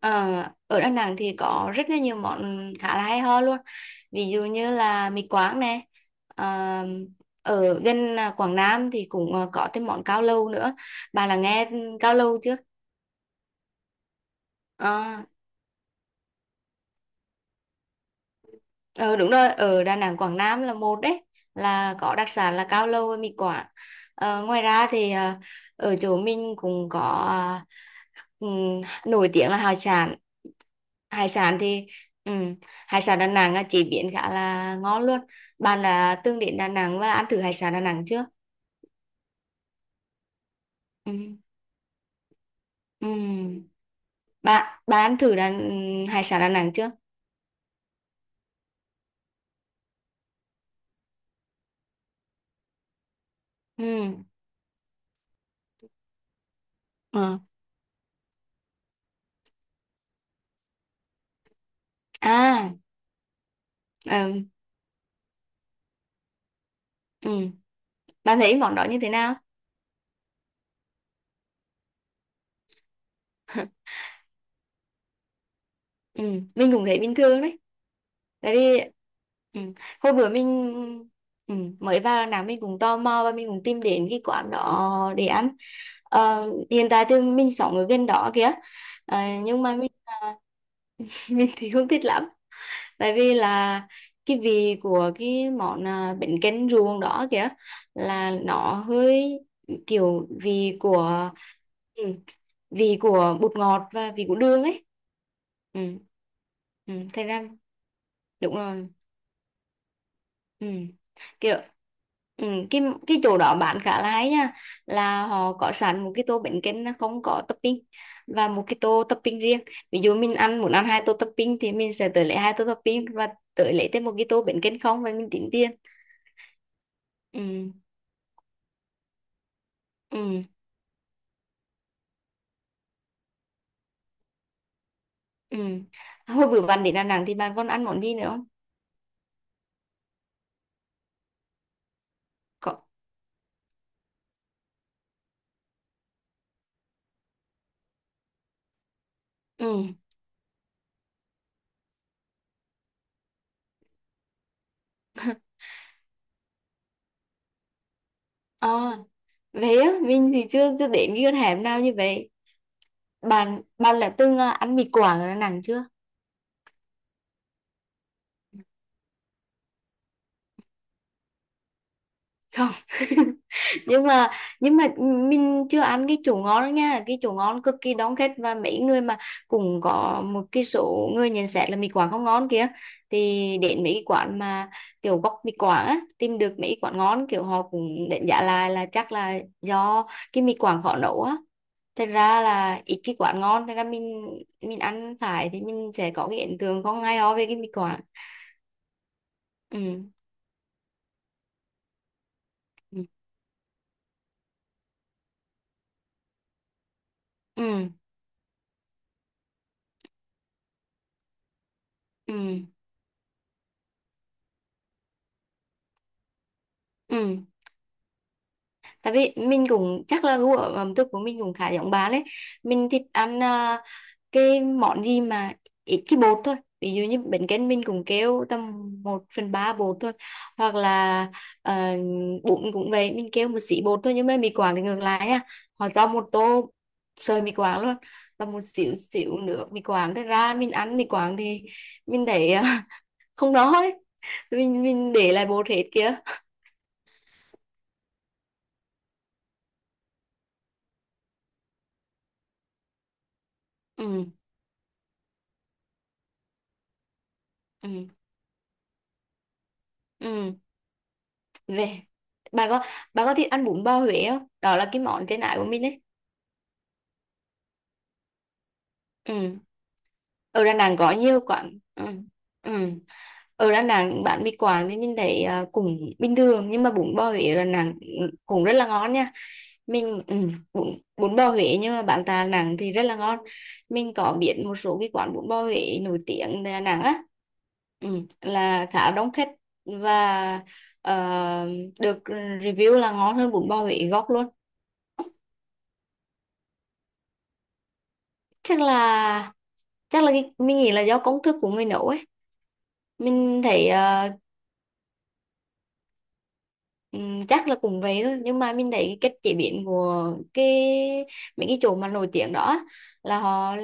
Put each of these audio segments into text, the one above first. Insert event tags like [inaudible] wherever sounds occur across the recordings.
Ờ, Ở Đà Nẵng thì có rất là nhiều món khá là hay ho luôn, ví dụ như là mì Quảng nè. ờ, Ở gần Quảng Nam thì cũng có thêm món cao lầu nữa. Bà là nghe cao lầu chưa? Ờ, ờ, Đúng rồi, ở Đà Nẵng Quảng Nam là một đấy, là có đặc sản là cao lầu với mì Quảng. Ngoài ra thì ở chỗ mình cũng có, à, nổi tiếng là hải sản. Hải sản thì ừm, hải sản Đà Nẵng á, chế biến khá là ngon luôn. Bạn đã từng đến Đà Nẵng và ăn thử hải sản Đà Nẵng chưa? Ừm, ừm. Bạn bạn ăn thử hải sản Đà Nẵng chưa? Ừm, ờ. à ừm, ừm. Bạn thấy món đó như thế nào? Ừ, mình cũng thấy bình thường đấy, tại vì ừ, hồi bữa mình mới vào Đà Nẵng mình cũng tò mò và mình cũng tìm đến cái quán đó để ăn. Ờ, Hiện tại thì mình sống ở gần đó kìa. Ờ, nhưng mà [laughs] mình thì không thích lắm, tại vì là cái vị của cái món bánh canh ruồng đó kìa, là nó hơi kiểu ừ, vị của bột ngọt và vị của đường ấy. ừ, ừ, Thế ra đúng rồi. ừ. Kiểu ừ. cái cái chỗ đó bán khá là hay nha, là họ có sẵn một cái tô bánh canh nó không có topping và một cái tô topping riêng. Ví dụ mình ăn muốn ăn hai tô topping thì mình sẽ tới lấy hai tô topping và tới lấy thêm một cái tô bánh canh không và mình tính tiền. Ừ. Ừ. Ừ. Hồi bữa bạn đến Đà Nẵng thì bạn còn ăn món gì nữa không? Có. Ừ. [laughs] ờ Về á mình thì chưa chưa đến cái con hẻm nào như vậy. Bạn bạn là từng ăn mì Quảng ở Đà Nẵng chưa? Không. [laughs] nhưng mà nhưng mà mình chưa ăn cái chỗ ngon nha. Cái chỗ ngon cực kỳ đông khách, và mấy người mà cũng có một cái số người nhận xét là mì Quảng không ngon kia, thì đến mấy cái quán mà kiểu gốc mì Quảng á, tìm được mấy cái quán ngon, kiểu họ cũng đánh giá lại là chắc là do cái mì Quảng khó nấu á. Thật ra là ít cái quán ngon. Thật ra mình ăn phải thì mình sẽ có cái ấn tượng không hay ho về cái mì Quảng. Ừ. Ừ. Ừ. Ừ. Ừ. Tại vì mình cũng chắc là gu ở ẩm thực của mình cũng khá giống bạn đấy. Mình thích ăn cái món gì mà ít cái bột thôi. Ví dụ như bánh canh mình cũng kêu tầm một phần 3 bột thôi, hoặc là bún cũng vậy, mình kêu một xí bột thôi. Nhưng mà mì Quảng thì ngược lại nha, họ cho một tô sợi mì Quảng luôn và một xíu xíu nữa mì Quảng. Thế ra mình ăn mì Quảng thì mình thấy [laughs] không đói. Mình để lại bột hết kìa. Ừ. Ừ. Ừ. Về, bạn có thích ăn bún bò Huế không? Đó là cái món trên ải của mình đấy. Ừ. Ở Đà Nẵng có nhiều quán. Ừ. Ừ. Ở Đà Nẵng bán mì Quảng thì mình thấy cũng bình thường, nhưng mà bún bò Huế ở Đà Nẵng cũng rất là ngon nha. mình ừ. bún, Bún bò Huế nhưng mà bán tại Đà Nẵng thì rất là ngon. Mình có biết một số cái quán bún bò Huế nổi tiếng tại Đà Nẵng á. Ừ, là khá đông khách và ờ, được review là ngon hơn bún bò Huế gốc luôn. Chắc là chắc là mình nghĩ là do công thức của người nấu ấy. Mình thấy chắc là cũng vậy thôi, nhưng mà mình thấy cái cách chế biến của cái mấy cái chỗ mà nổi tiếng đó á, là họ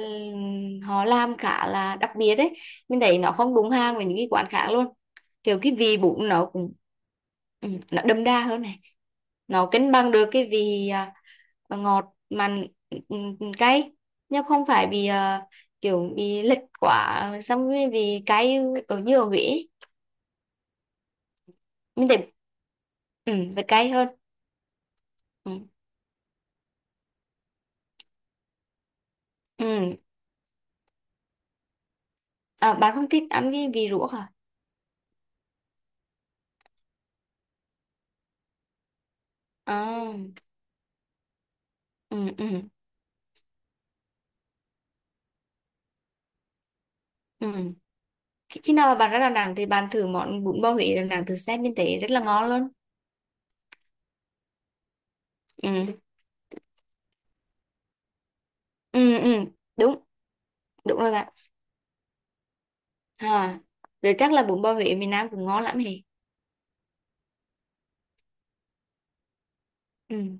họ làm khá là đặc biệt đấy. Mình thấy nó không đúng hàng với những cái quán khác luôn. Kiểu cái vị bún nó cũng nó đậm đà hơn này. Nó cân bằng được cái vị ngọt mặn, cay, nhưng không phải bị kiểu bị lệch quá, xong rồi vì cay ở như ở Huế ấy. Mình thấy phải cay hơn. Ừ. Ừ. À, bạn không thích ăn cái vị ruốc à? À. ừ, ừ, ừ. Khi khi nào mà bạn ra Đà Nẵng thì bạn thử món bún bò Huế Đà Nẵng từ xem bên tế rất là ngon luôn. Ừ, ừ, ừ. Đúng, đúng rồi bạn. À. Rồi chắc là bún bò Huế miền Nam cũng ngon lắm hề. Ừ.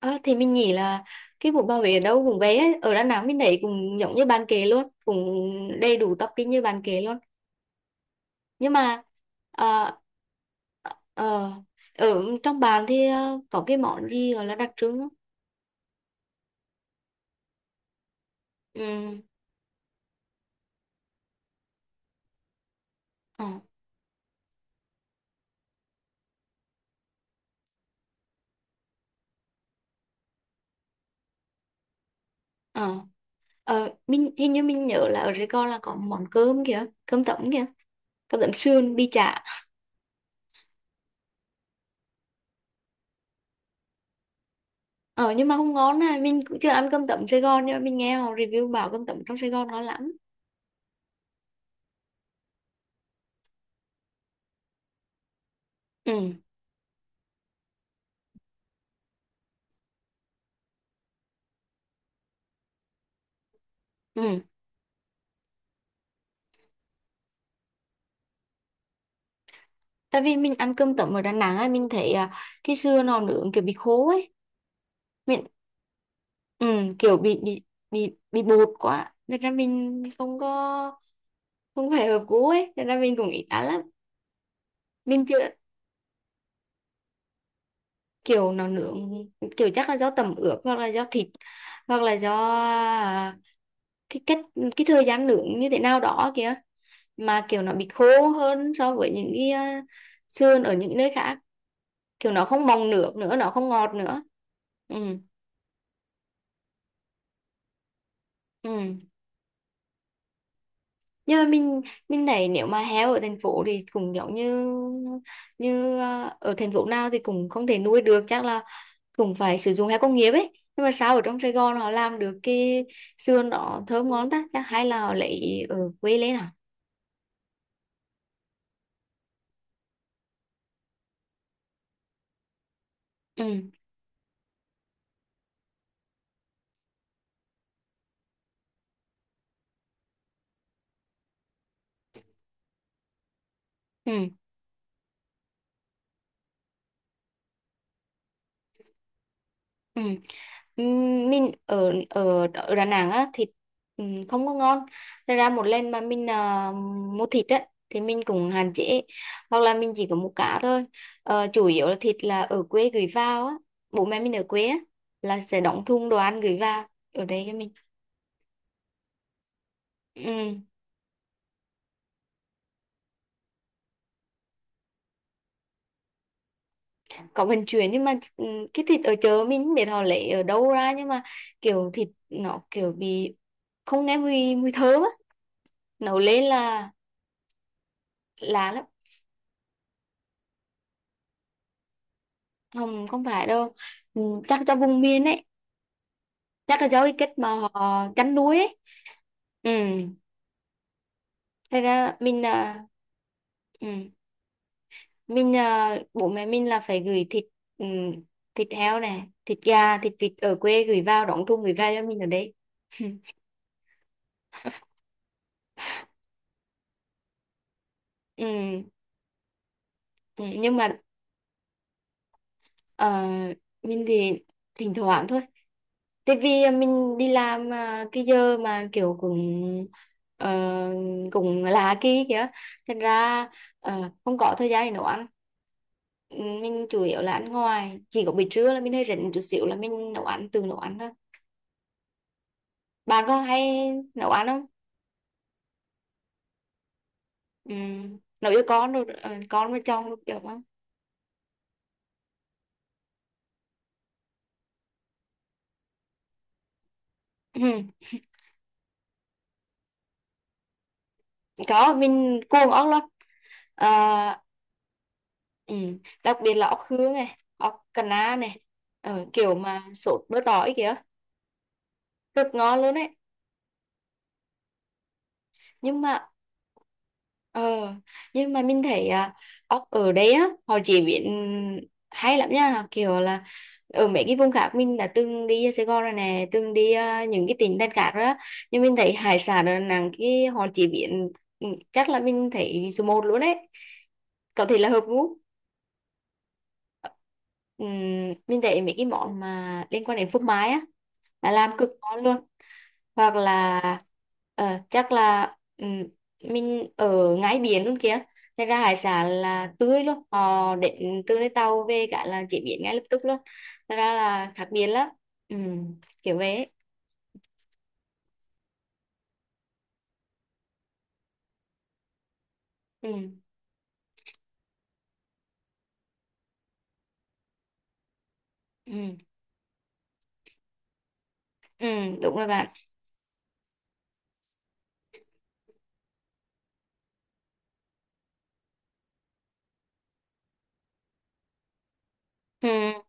Ờ, thì mình nghĩ là cái bún bò Huế ở đâu cũng về ấy. Ở Đà Nẵng mình thấy cũng giống như bạn kể luôn, cũng đầy đủ topping như bạn kể luôn. Nhưng mà ờ, ờ, ở trong bàn thì có cái món gì gọi là đặc trưng không? Ừ. ờ ờ mình hình như mình nhớ là ở Sài Gòn là có món cơm kìa, cơm tấm kìa, cơm tấm sườn bi chả. Ờ, nhưng mà không ngon này. Mình cũng chưa ăn cơm tấm Sài Gòn, nhưng mà mình nghe họ review bảo cơm tấm trong Sài Gòn ngon lắm. Ừ. Ừ. Tại vì mình ăn cơm tấm ở Đà Nẵng ấy, mình thấy cái sườn nó nướng kiểu bị khô ấy. mình ừ, Kiểu bị bị bột quá nên ra mình không có, không phải hợp gu ấy, nên ra mình cũng ít ăn lắm. Mình chưa Kiểu nó nướng, kiểu chắc là do tẩm ướp hoặc là do thịt, hoặc là do à, cái cách, cái thời gian nướng như thế nào đó kìa, mà kiểu nó bị khô hơn so với những cái sườn ở những nơi khác, kiểu nó không bong nước nữa, nó không ngọt nữa. Ừ. Ừ. Nhưng mà mình thấy nếu mà heo ở thành phố thì cũng giống như như à, ở thành phố nào thì cũng không thể nuôi được, chắc là cũng phải sử dụng heo công nghiệp ấy. Nhưng mà sao ở trong Sài Gòn họ làm được cái sườn đó thơm ngon ta? Chắc hay là họ lấy ở quê lên à? Ừ. Ừ. Ừ. Mình ở ở ở Đà Nẵng á thịt không có ngon. Thật ra một lần mà mình mua thịt á thì mình cũng hạn chế hoặc là mình chỉ có mua cá thôi. Ờ, chủ yếu là thịt là ở quê gửi vào á, bố mẹ mình ở quê á là sẽ đóng thùng đồ ăn gửi vào ở đây cho mình. Ừ. Có vận chuyển, nhưng mà cái thịt ở chợ mình không biết họ lấy ở đâu ra, nhưng mà kiểu thịt nó kiểu bị không nghe mùi mùi thơm á. Nấu lên là lạ lắm. Không không phải đâu. Ừ, chắc cho vùng miền ấy, chắc là do cái cách mà họ chăn nuôi ấy. Ừ. Thế ra mình ừ. Bố mẹ mình là phải gửi thịt, ừ, thịt heo này, thịt gà, thịt vịt ở quê gửi vào, đóng thùng gửi vào cho mình ở đây. [laughs] Ừ. Ừ, nhưng mà Ờ, mình thì thỉnh thoảng thôi. Tại vì mình đi làm cái giờ mà kiểu cũng ờ, cũng là kỳ kìa. Thành ra không có thời gian để nấu ăn. Ừ, mình chủ yếu là ăn ngoài. Chỉ có buổi trưa là mình hơi rảnh một chút xíu là mình nấu ăn, tự nấu ăn thôi. Bạn có hay nấu ăn không? Ừ. Nấu cho con rồi, con với chồng được không? Ừ. Có, mình cuồng ốc lắm. Ờ. Ừ. Đặc biệt là ốc hương này, ốc cà na này, kiểu mà sốt bơ tỏi kìa, rất ngon luôn đấy. Nhưng mà ờ, nhưng mà mình thấy ốc ở đây á, họ chế biến hay lắm nha, kiểu là ở mấy cái vùng khác mình đã từng đi Sài Gòn rồi nè, từng đi những cái tỉnh thành khác đó, nhưng mình thấy hải sản ở Đà Nẵng cái họ chế biến ừ, chắc là mình thấy số một luôn đấy. Có thể là hợp gu. Ừm, mình thấy mấy cái món mà liên quan đến phô mai á là làm cực ngon luôn. Hoặc là ờ, chắc là ừm, mình ở ngay biển luôn kìa, thế ra hải sản là tươi luôn, họ đến từ lấy tàu về cả là chế biến ngay lập tức luôn, thế ra là khác biệt lắm. Ừm, Kiểu vậy ấy. Ừm, ừm, Đúng rồi bạn. Ừm,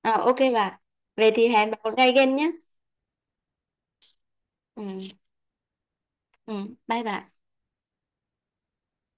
ờ, ok bạn, về thì hẹn bạn một ngày gần nhé. Ừm, Bye bạn.